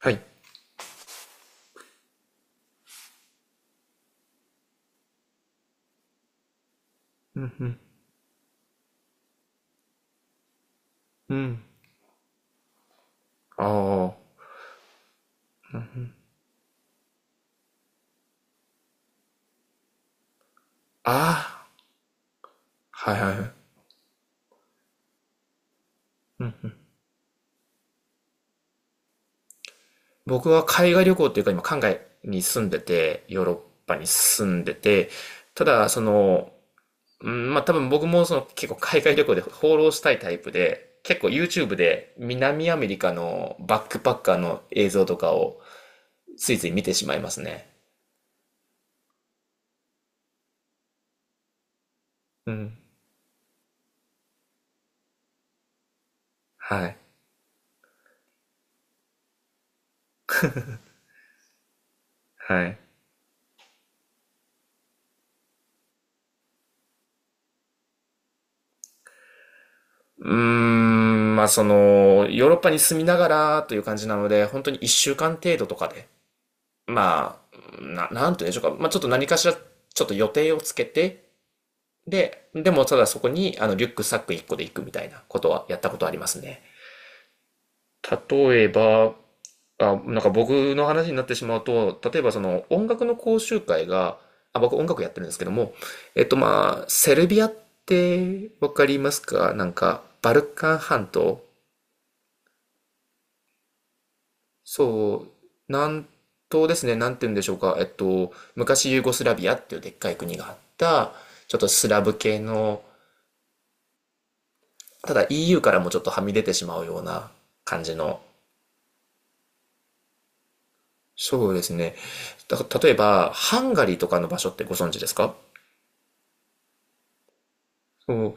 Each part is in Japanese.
はい。うんうん。うん。ああ。うんうん。ああ。はいはいはい。うん。僕は海外旅行っていうか今海外に住んでて、ヨーロッパに住んでて、ただその、うん、まあ多分僕もその結構海外旅行で放浪したいタイプで、結構 YouTube で南アメリカのバックパッカーの映像とかをついつい見てしまいますね。うん。はい。はい。うーん、まあその、ヨーロッパに住みながらという感じなので、本当に一週間程度とかでまあ、なんて言うんでしょうか。まあ、ちょっと何かしら、ちょっと予定をつけて、で、でもただそこに、あの、リュックサック1個で行くみたいなことはやったことありますね。例えば、あ、なんか僕の話になってしまうと、例えばその音楽の講習会が、あ、僕音楽やってるんですけども、まあ、セルビアってわかりますか？なんか、バルカン半島そう、南東ですね、なんて言うんでしょうか、昔ユーゴスラビアっていうでっかい国があった、ちょっとスラブ系の、ただ EU からもちょっとはみ出てしまうような感じの、そうですね。例えば、ハンガリーとかの場所ってご存知ですか？そう。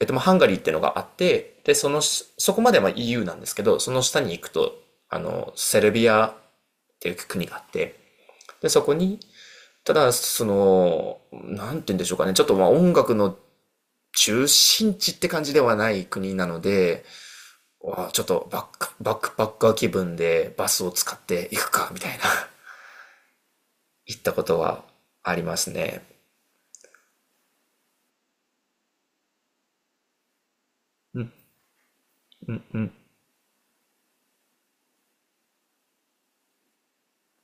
まあ、ハンガリーってのがあって、で、そのし、そこまでは EU なんですけど、その下に行くと、あの、セルビアっていう国があって、で、そこに、ただ、その、なんて言うんでしょうかね、ちょっとまあ音楽の中心地って感じではない国なので、わあちょっとバックパッカー気分でバスを使っていくか、みたいな、行ったことはありますね。うん、うん、うん、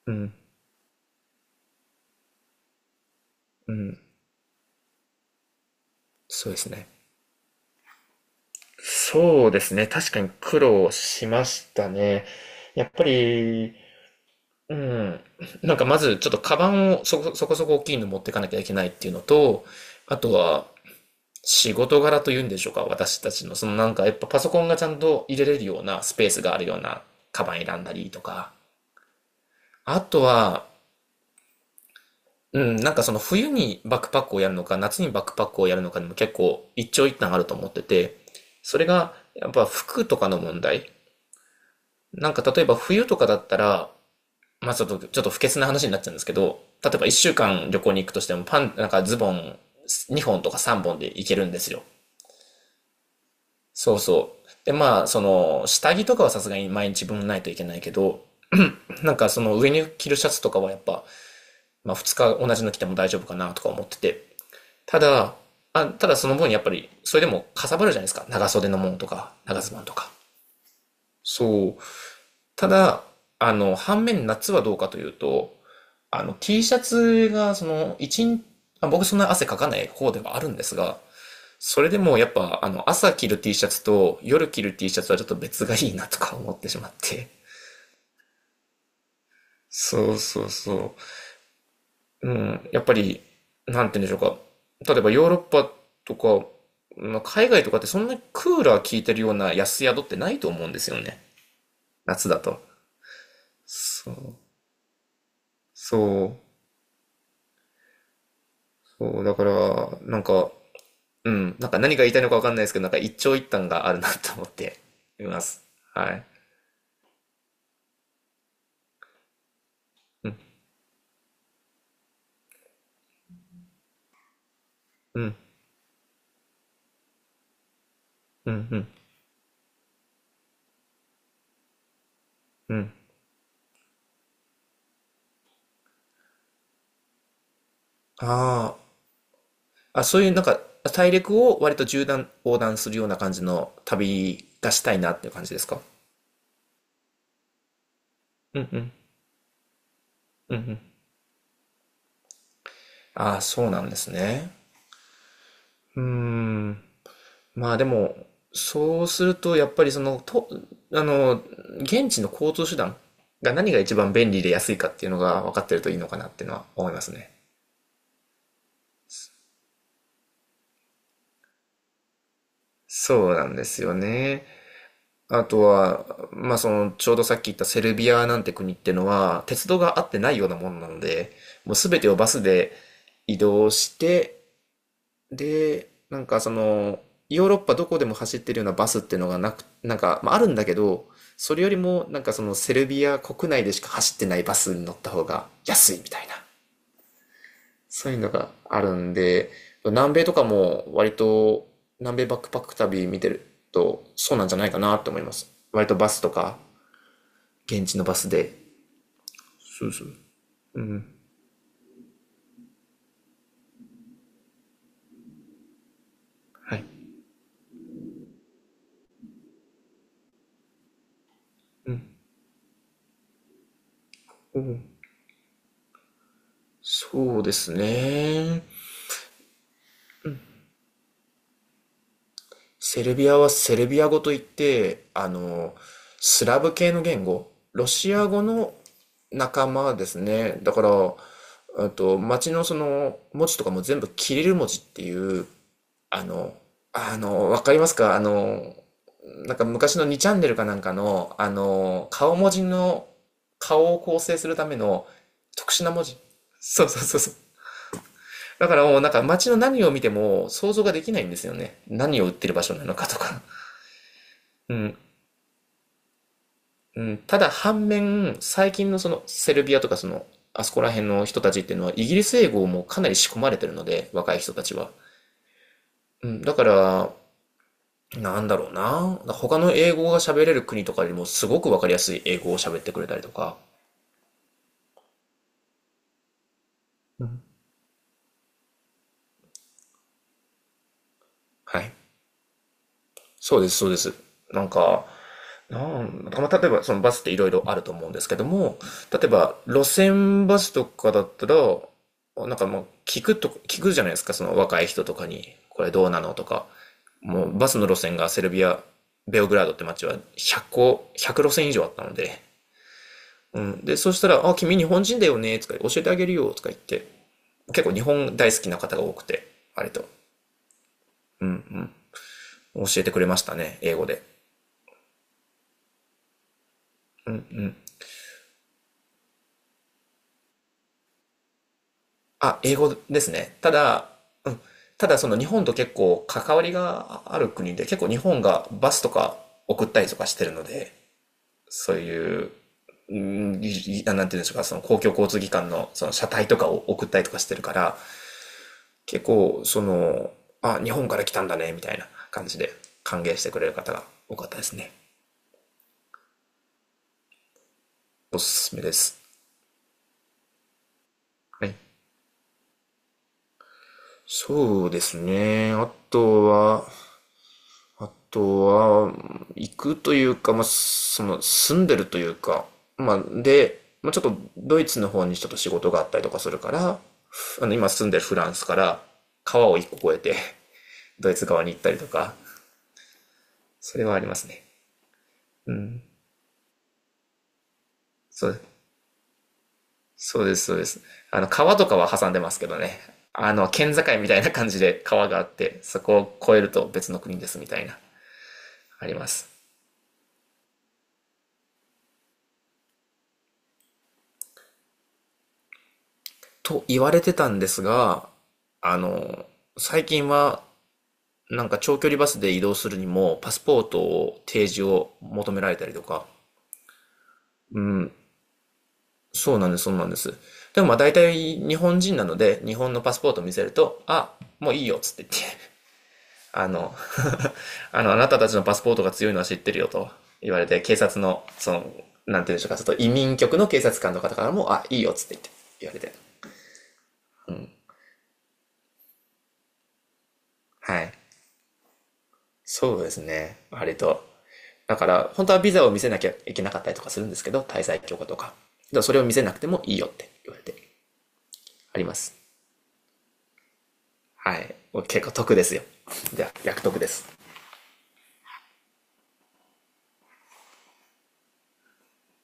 うん、うん、そうですね。そうですね。確かに苦労しましたね。やっぱり、うん。なんかまずちょっとカバンをそこそこ大きいの持ってかなきゃいけないっていうのと、あとは仕事柄というんでしょうか、私たちの、そのなんかやっぱパソコンがちゃんと入れれるようなスペースがあるようなカバン選んだりとか、あとは、うん、なんかその冬にバックパックをやるのか、夏にバックパックをやるのかでも結構一長一短あると思ってて、それがやっぱ服とかの問題。なんか例えば冬とかだったら、まあちょっと不潔な話になっちゃうんですけど、例えば一週間旅行に行くとしてもなんかズボン2本とか3本で行けるんですよ。そうそう。で、まあ、その、下着とかはさすがに毎日分ないといけないけど、なんかその上に着るシャツとかはやっぱ、まあ2日同じの着ても大丈夫かなとか思ってて。ただ、ただその分やっぱり、それでもかさばるじゃないですか。長袖のものとか、長ズボンとか。そう。ただ、あの、反面夏はどうかというと、あの、T シャツがその、一日、まあ僕そんな汗かかない方ではあるんですが、それでもやっぱ、あの、朝着る T シャツと夜着る T シャツはちょっと別がいいなとか思ってしまって。そうそうそう。うん、やっぱり、なんて言うんでしょうか。例えばヨーロッパとか、まあ、海外とかってそんなにクーラー効いてるような安宿ってないと思うんですよね。夏だと。そう。そう。そう。だから、なんか、うん。なんか何が言いたいのかわかんないですけど、なんか一長一短があるなと思っています。はい。うん、うん、うん、うん。ああ、あ、そういうなんか大陸を割と縦断横断するような感じの旅がしたいなっていう感じですか？ああ、そうなんですね。うーん。まあでも、そうするとやっぱりその、あの、現地の交通手段が何が一番便利で安いかっていうのが分かってるといいのかなっていうのは思いますね。そうなんですよね。あとは、まあ、その、ちょうどさっき言ったセルビアなんて国ってのは、鉄道があってないようなもんなので、もうすべてをバスで移動して、で、なんかその、ヨーロッパどこでも走ってるようなバスっていうのがなく、なんか、まあ、あるんだけど、それよりも、なんかその、セルビア国内でしか走ってないバスに乗った方が安いみたいな、そういうのがあるんで、南米とかも割と、南米バックパック旅見てると、そうなんじゃないかなと思います。割とバスとか、現地のバスで。そうそう。うん。はい。うん。うん、そうですね。セルビアはセルビア語といって、あの、スラブ系の言語、ロシア語の仲間ですね。だから、あと、街のその文字とかも全部キリル文字っていう、あの、あの、わかりますか？あの、なんか昔の2チャンネルかなんかの、あの、顔文字の、顔を構成するための特殊な文字。そうそうそう。だからもうなんか街の何を見ても想像ができないんですよね。何を売ってる場所なのかとか。うん。うん。ただ反面、最近のそのセルビアとかその、あそこら辺の人たちっていうのはイギリス英語もかなり仕込まれてるので、若い人たちは。うん。だから、なんだろうな。他の英語が喋れる国とかよりもすごくわかりやすい英語を喋ってくれたりとか。はい。そうです、そうです。なんか、まあ、例えばそのバスっていろいろあると思うんですけども、例えば路線バスとかだったら、なんかもう聞くと、聞くじゃないですか、その若い人とかに、これどうなのとか、もうバスの路線がセルビア、ベオグラードって街は100個、100路線以上あったので、うん。で、そしたら、あ、君日本人だよね、とか教えてあげるよ、とか言って、結構日本大好きな方が多くて、割と教えてくれましたね、英語で。あ、英語ですね。ただその日本と結構関わりがある国で、結構日本がバスとか送ったりとかしてるので、そういう、うんいなんていうんでしょうか、その公共交通機関のその車体とかを送ったりとかしてるから、結構その、あ、日本から来たんだね、みたいな感じで歓迎してくれる方が多かったですね。おすすめです。はい。そうですね。あとは、行くというか、まあ、その、住んでるというか、まあ、で、まあ、ちょっとドイツの方にちょっと仕事があったりとかするから、あの、今住んでるフランスから川を一個越えて、ドイツ側に行ったりとか、それはありますね。うん。そう、そうです、そうです。あの、川とかは挟んでますけどね。あの、県境みたいな感じで川があって、そこを越えると別の国ですみたいな、あります。と言われてたんですが、あの、最近はなんか長距離バスで移動するにも、パスポートを提示を求められたりとか。うん。そうなんです、そうなんです。でもまあ大体日本人なので、日本のパスポートを見せると、あ、もういいよ、つって言って、あの、あの、あなたたちのパスポートが強いのは知ってるよと言われて、警察の、その、なんて言うんでしょうか、ちょっと移民局の警察官の方からも、あ、いいよ、つって言って、言われて。はい。そうですね。割と。だから、本当はビザを見せなきゃいけなかったりとかするんですけど、滞在許可とか。でもそれを見せなくてもいいよって言われてあります。はい。結構得ですよ。じゃあ、逆得です。